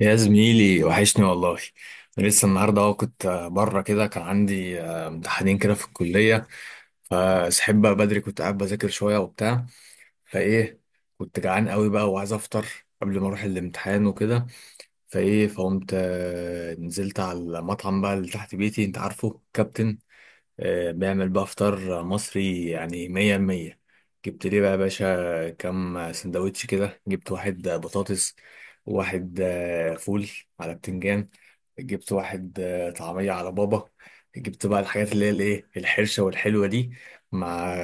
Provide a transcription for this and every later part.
يا زميلي وحشني والله. أنا لسه النهارده اهو كنت بره كده كان عندي امتحانين كده في الكليه. فسحب بقى بدري، كنت قاعد بذاكر شويه وبتاع. فايه، كنت جعان قوي بقى وعايز افطر قبل ما اروح الامتحان وكده. فايه، فقمت نزلت على المطعم بقى اللي تحت بيتي. انت عارفه كابتن، بيعمل بقى فطار مصري يعني مية المية. جبت ليه بقى يا باشا كام سندوتش كده، جبت واحد بطاطس، وواحد فول على بتنجان، جبت واحد طعمية على بابا، جبت بقى الحاجات اللي هي الايه، الحرشة والحلوة دي، مع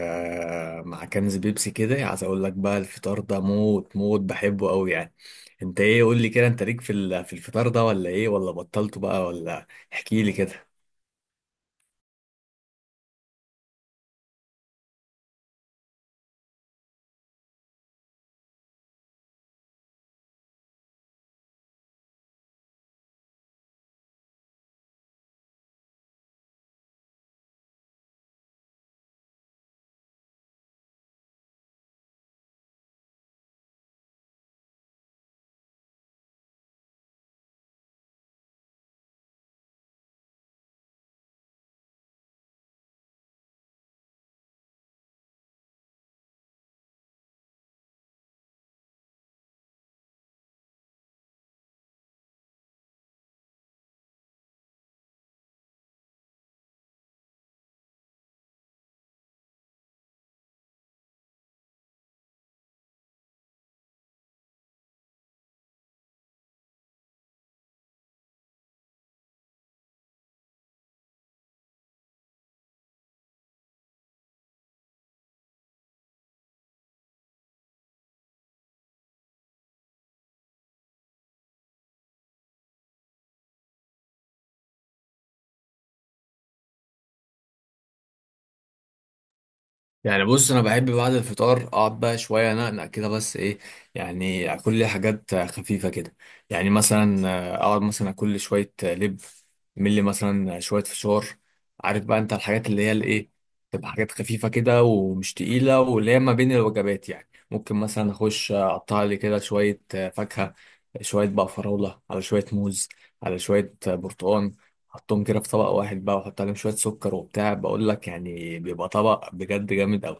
مع كنز بيبسي كده. عايز اقول لك بقى الفطار ده موت موت، بحبه قوي يعني. انت ايه، قول لي كده، انت ليك في في الفطار ده ولا ايه؟ ولا بطلته بقى ولا؟ احكي لي كده. يعني بص، انا بحب بعد الفطار اقعد بقى شويه انقنق كده، بس ايه، يعني اكل لي حاجات خفيفه كده. يعني مثلا اقعد مثلا اكل لي شويه لب، اعمل لي مثلا شويه فشار. عارف بقى انت الحاجات اللي هي الايه، تبقى حاجات خفيفه كده ومش تقيله، واللي هي ما بين الوجبات يعني. ممكن مثلا اخش اقطع لي كده شويه فاكهه، شويه بقى فراوله على شويه موز على شويه برتقان، حطهم كده في طبق واحد بقى وحط عليهم شوية سكر وبتاع. بقول لك يعني بيبقى طبق بجد جامد قوي.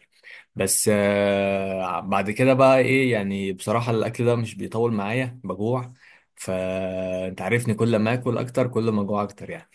بس آه بعد كده بقى ايه، يعني بصراحة الأكل ده مش بيطول معايا، بجوع. فأنت عارفني كل ما آكل أكتر كل ما أجوع أكتر يعني.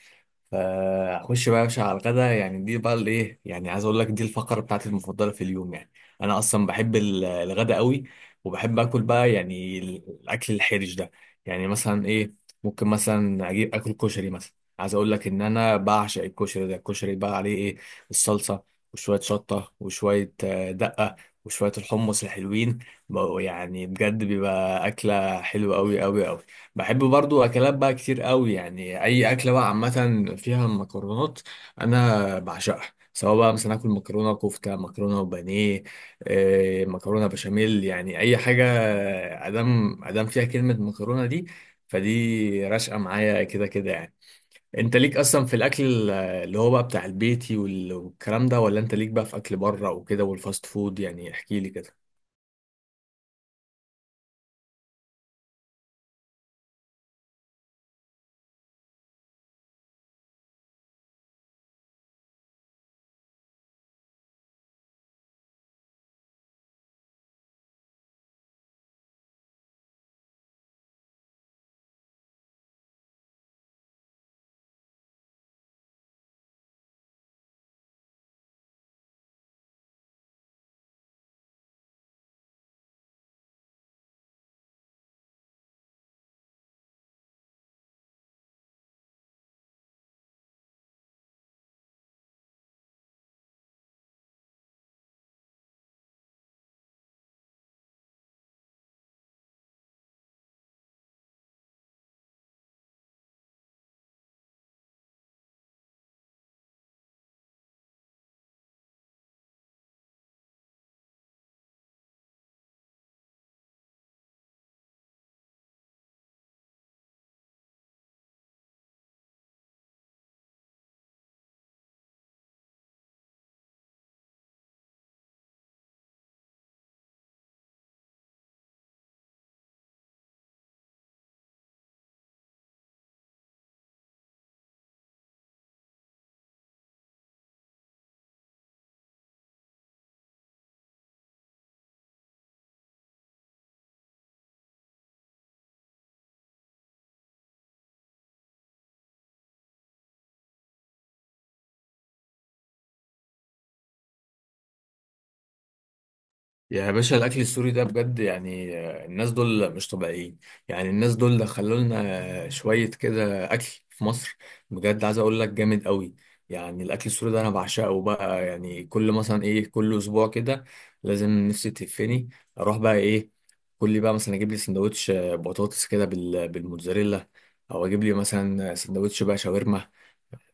فاخش بقى يا باشا على الغدا. يعني دي بقى الايه، يعني عايز اقول لك دي الفقره بتاعتي المفضله في اليوم يعني. انا اصلا بحب الغدا قوي، وبحب اكل بقى يعني الاكل الحرج ده. يعني مثلا ايه، ممكن مثلا اجيب اكل كشري مثلا. عايز اقول لك ان انا بعشق الكشري ده. الكشري بقى عليه ايه، الصلصه، وشويه شطه، وشويه دقه، وشويه الحمص الحلوين بقوا، يعني بجد بيبقى اكله حلوه قوي قوي قوي. بحب برضو اكلات بقى كتير قوي، يعني اي اكله بقى عامه فيها مكرونات انا بعشقها. سواء بقى مثلا اكل مكرونه كفته، مكرونه وبانيه، مكرونه بشاميل، يعني اي حاجه ادام ادام فيها كلمه مكرونه دي فدي راشقه معايا كده كده يعني. انت ليك اصلا في الاكل اللي هو بقى بتاع البيتي والكلام ده، ولا انت ليك بقى في اكل بره وكده والفاست فود؟ يعني احكي لي كده. يا باشا الاكل السوري ده بجد، يعني الناس دول مش طبيعيين. يعني الناس دول دخلوا لنا شويه كده اكل في مصر، بجد عايز اقول لك جامد قوي. يعني الاكل السوري ده انا بعشقه بقى. يعني كل مثلا ايه، كل اسبوع كده لازم نفسي تهفني، اروح بقى ايه، كل بقى مثلا اجيب لي سندوتش بطاطس كده بالموتزاريلا، او اجيب لي مثلا سندوتش بقى شاورما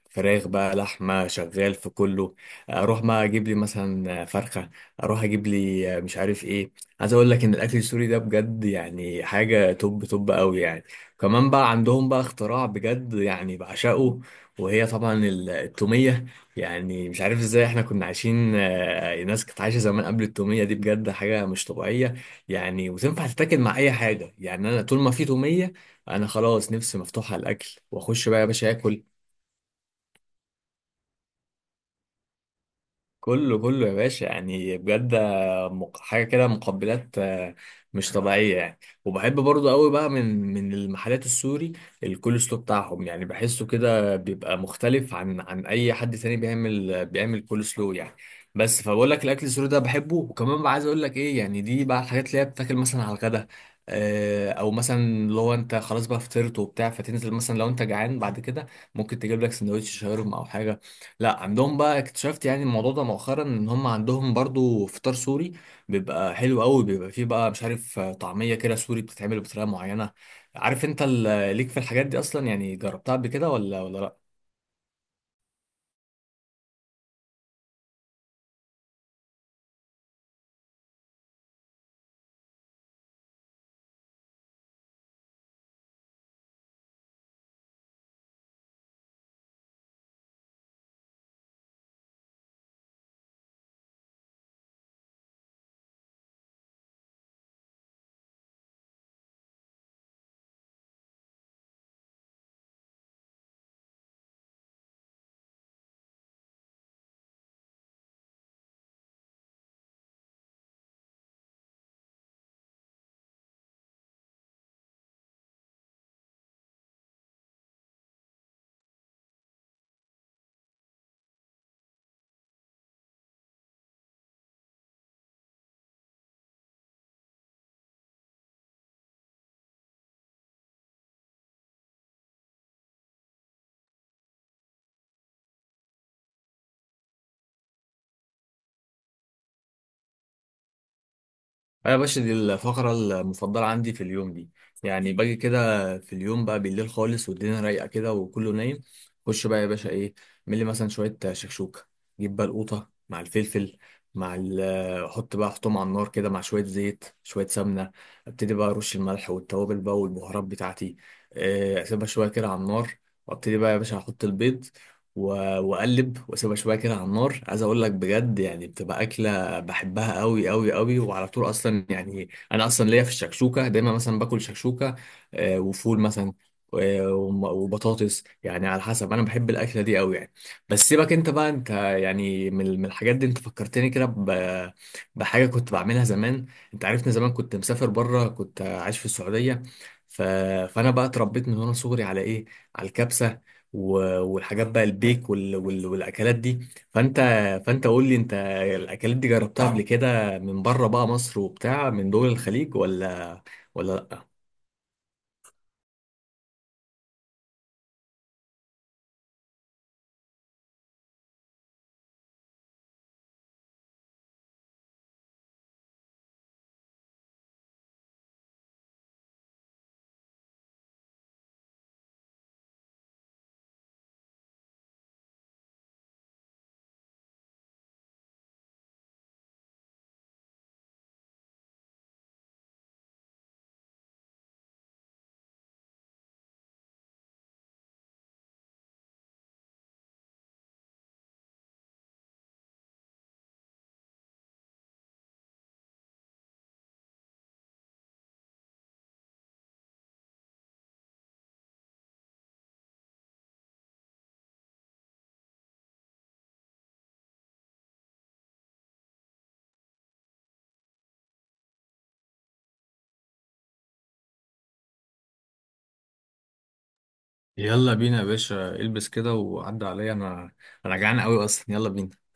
فراخ بقى لحمة شغال في كله، اروح بقى اجيب لي مثلا فرخة، اروح اجيب لي مش عارف ايه. عايز اقول لك ان الاكل السوري ده بجد يعني حاجة توب توب قوي يعني. كمان بقى عندهم بقى اختراع بجد يعني بعشقه، وهي طبعا التومية. يعني مش عارف ازاي احنا كنا عايشين، الناس كانت عايشة زمان قبل التومية دي، بجد حاجة مش طبيعية يعني. وتنفع تتاكل مع اي حاجة يعني. انا طول ما في تومية انا خلاص نفسي مفتوحة على الاكل، واخش بقى يا باشا اكل. كله كله يا باشا يعني بجد، حاجه كده مقبلات، مش طبيعيه يعني. وبحب برضو قوي بقى من المحلات السوري الكول سلو بتاعهم. يعني بحسه كده بيبقى مختلف عن اي حد تاني بيعمل كول سلو يعني. بس فبقول لك الاكل السوري ده بحبه. وكمان بقى عايز اقول لك ايه، يعني دي بقى الحاجات اللي هي بتاكل مثلا على الغدا، او مثلا لو انت خلاص بقى فطرت وبتاع فتنزل مثلا لو انت جعان بعد كده، ممكن تجيب لك سندوتش شاورما او حاجه. لا عندهم بقى اكتشفت يعني الموضوع ده مؤخرا ان هم عندهم برضو فطار سوري، بيبقى حلو قوي، بيبقى فيه بقى مش عارف طعمية كده سوري بتتعمل بطريقة معينة. عارف انت ليك في الحاجات دي اصلا، يعني جربتها قبل كده ولا لا؟ انا يا باشا دي الفقره المفضله عندي في اليوم دي. يعني باجي كده في اليوم بقى بالليل خالص والدنيا رايقه كده وكله نايم، خش بقى يا باشا ايه، ملي مثلا شويه شكشوكه. جيب بقى القوطه مع الفلفل، مع ال حط بقى احطهم على النار كده مع شويه زيت شويه سمنه. ابتدي بقى ارش الملح والتوابل بقى والبهارات بتاعتي. اسيبها شويه كده على النار، وابتدي بقى يا باشا احط البيض و- واقلب، واسيبها شويه كده على النار. عايز اقول لك بجد يعني بتبقى اكله بحبها قوي قوي قوي، وعلى طول اصلا. يعني انا اصلا ليا في الشكشوكه دايما، مثلا باكل شكشوكه وفول مثلا، وبطاطس، يعني على حسب. انا بحب الاكله دي قوي يعني. بس سيبك انت بقى، انت يعني من الحاجات دي انت فكرتني كده بحاجه كنت بعملها زمان. انت عارفني زمان كنت مسافر بره، كنت عايش في السعوديه، ف... فانا بقى اتربيت من وانا صغري على ايه، على الكبسه، والحاجات بقى البيك والاكلات دي. فانت فانت قول لي انت، الاكلات دي جربتها قبل كده من بره بقى مصر وبتاع من دول الخليج ولا لا؟ يلا بينا يا باشا، البس كده وعدى عليا انا. انا جعان قوي اصلا، يلا بينا.